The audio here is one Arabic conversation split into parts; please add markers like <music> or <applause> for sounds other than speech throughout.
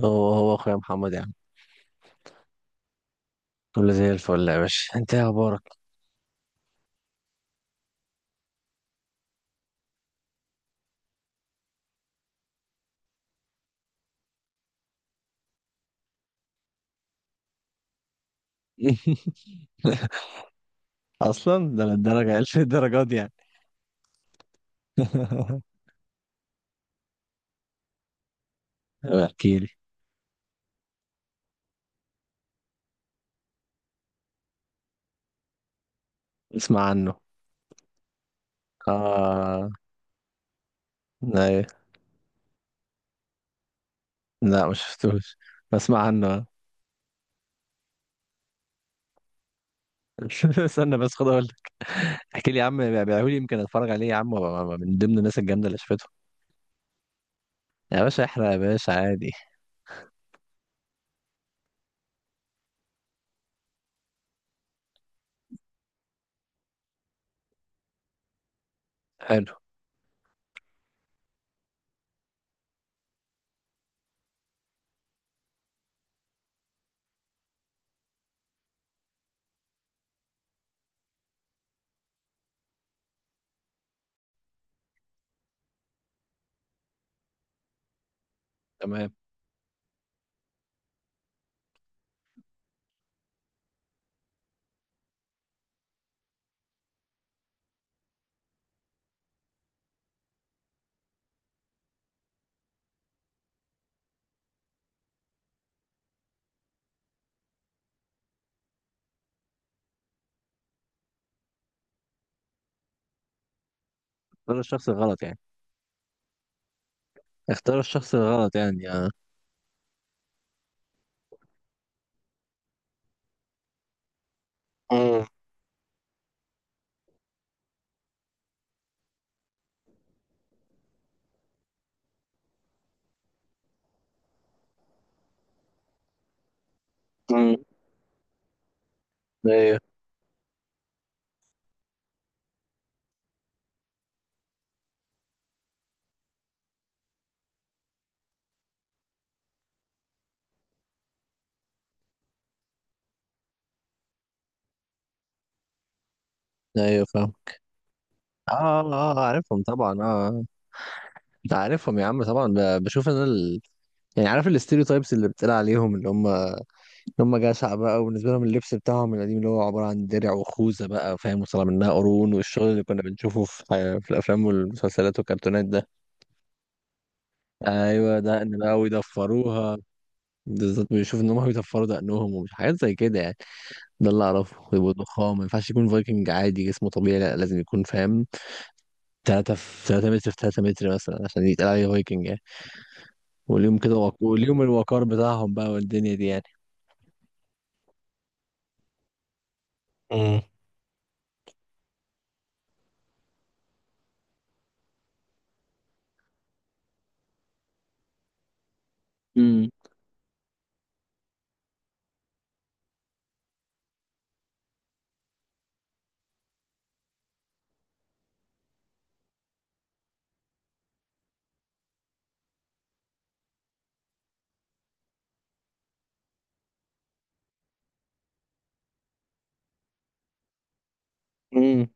هو اخويا محمد يا عم، كله زي الفل يا باشا. انت إيه اخبارك؟ <laughs> اصلا ده للدرجه الف الدرجات دي يعني. <laughs> احكي لي. اسمع عنه. اه، لا إيه؟ لا ما شفتوش، بسمع عنه. <laughs> استنى بس خد اقول لك. احكي لي يا عم، بيعملوا لي يمكن اتفرج عليه يا عم وأبقى من ضمن الناس الجامده اللي شفتهم. يا باشا احرق يا باشا عادي. حلو. تمام. اختار الشخص الغلط يعني. اختار الشخص الغلط يعني، اه. امم. أمم. ايوه. ايوه فاهم. اه. اه عارفهم طبعا، اه آه. انت عارفهم يا عم طبعا، بشوف انا يعني عارف الاستيريوتايبس اللي بتقال عليهم، اللي هم اللي هم جشع بقى، وبالنسبه لهم اللبس بتاعهم القديم اللي هو عباره عن درع وخوذه بقى، فاهم، وطلع منها قرون والشغل اللي كنا بنشوفه في في الافلام والمسلسلات والكرتونات ده. ايوه دقن بقى ويدفروها، بالظبط بيشوف ان هم بيدفروا دقنهم ومش حاجات زي كده يعني. ده اللي اعرفه، ويبقوا ضخام، ما ينفعش يكون فايكنج عادي جسمه طبيعي، لا لازم يكون فاهم 3 في 3 متر في 3 متر مثلا عشان يتقال عليه فايكنج يعني. وليهم كده وليهم الوقار بتاعهم بقى والدنيا دي يعني. امم. امم. امم.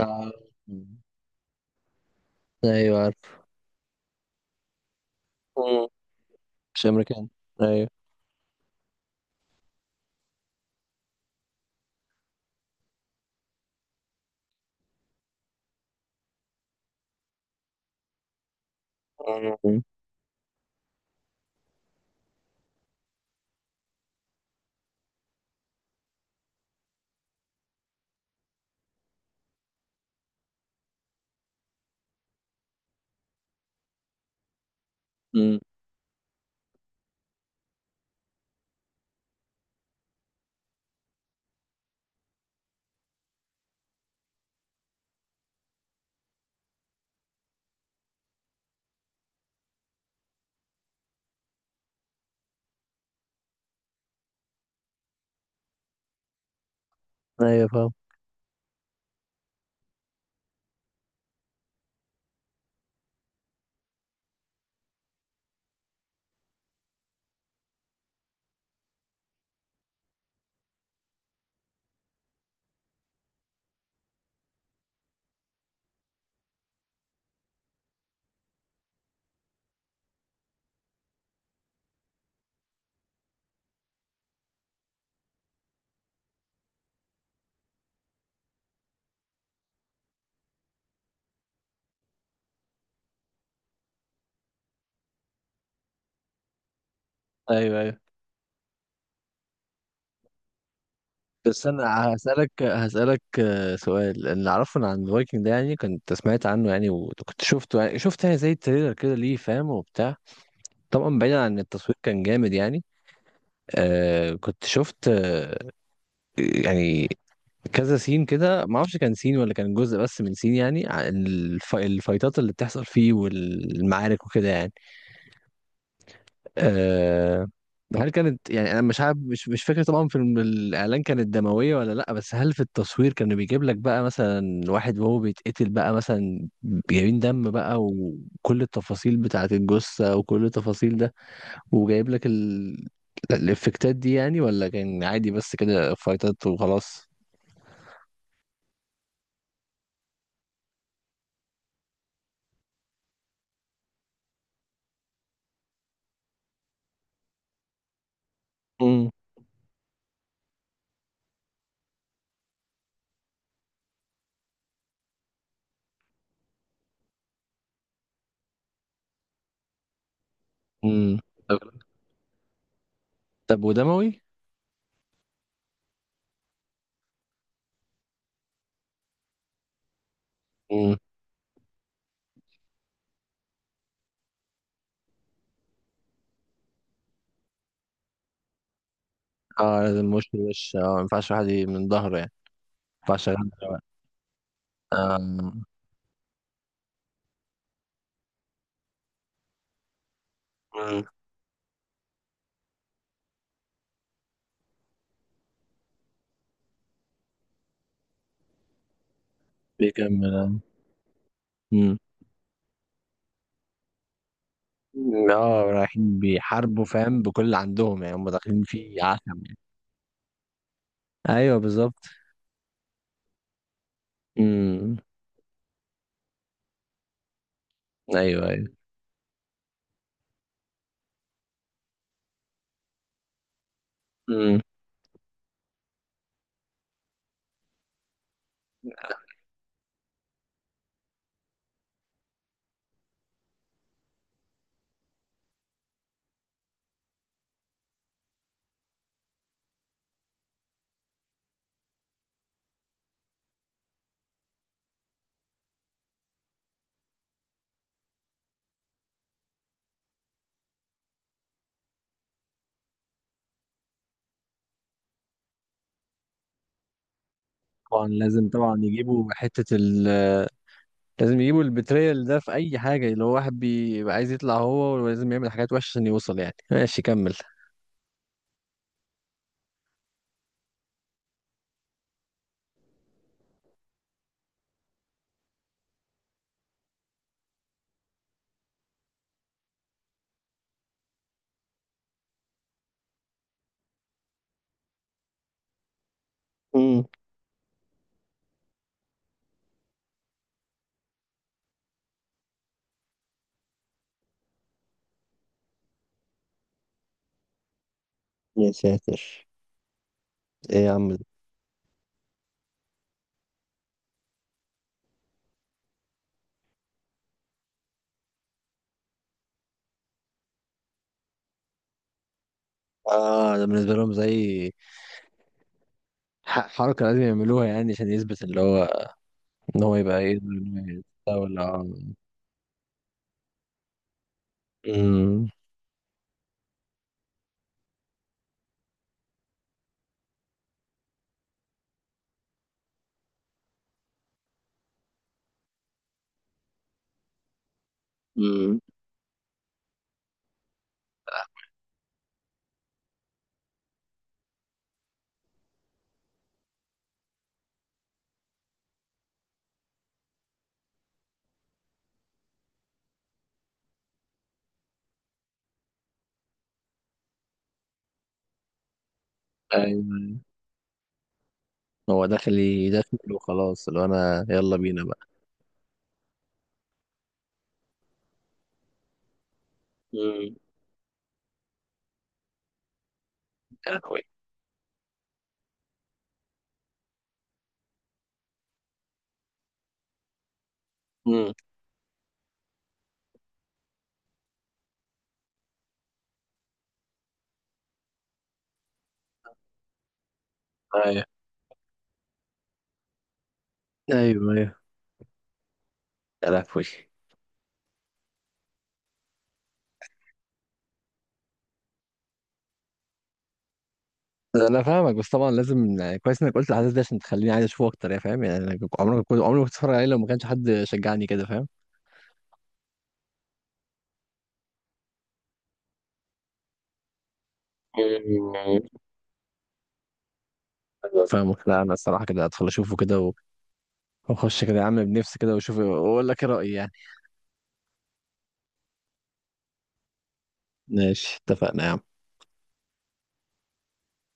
آه. مم. ايوه عارف. امم. مش امريكان. ايوه. أمم. امم. أمم. ايوه فاهم. ايوه ايوه. بس انا هسألك سؤال. اللي اعرفه عن الفايكنج ده، يعني كنت سمعت عنه يعني، وكنت شفته يعني، شفت يعني زي التريلر كده ليه فاهم وبتاع. طبعا بعيدا عن التصوير كان جامد يعني. آه كنت شفت آه. يعني كذا سين كده ما اعرفش كان سين ولا كان جزء بس من سين، يعني عن الفايتات اللي بتحصل فيه والمعارك وكده يعني. أه... هل كانت يعني انا مش عارف، مش فاكر طبعا في الاعلان كانت دمويه ولا لا، بس هل في التصوير كانوا بيجيب لك بقى مثلا واحد وهو بيتقتل بقى مثلا، جايبين دم بقى وكل التفاصيل بتاعه الجثه وكل التفاصيل ده، وجايب لك الافكتات دي يعني، ولا كان عادي بس كده فايتات وخلاص؟ امم. طب ودموي؟ مم. اه لازم وش لوش، اه ما ينفعش واحد من ظهره يعني. ما ينفعش أغني دلوقتي. آه. مم. بيكمل. امم. اه رايحين بيحاربوا فاهم بكل اللي عندهم يعني، هم داخلين فيه عشم يعني. ايوه بالظبط. امم. ايوه ايوه. امم. طبعا لازم، طبعا يجيبوا حتة ال، لازم يجيبوا البتريال ده في أي حاجة، اللي هو واحد بيبقى عايز يطلع هو، ولازم يعمل حاجات وحشة عشان يوصل يعني. ماشي كمل. امم. يا ساتر. ايه يا عم. اه ده بالنسبة لهم زي حركة لازم يعملوها يعني عشان يثبت اللي هو. ان هو يبقى ايه؟ ولا. امم. امم. ايوه أيوه. هو داخل يدخل وخلاص، اللي هو انا يلا بينا بقى. امم. يا لهوي. امم. ايوه ايوه. ايوه. يا لهوي. انا فاهمك، بس طبعا لازم يعني كويس انك قلت الحدث ده عشان تخليني عايز اشوفه اكتر يعني فاهم، يعني انا عمري ما كنت اتفرج عليه لو ما كانش حد شجعني كده فاهم. مم. فاهم. لا انا الصراحه كده ادخل اشوفه كده، نخش كده يا عم بنفسي كده واشوف واقول لك ايه رأيي يعني. ماشي اتفقنا يا عم.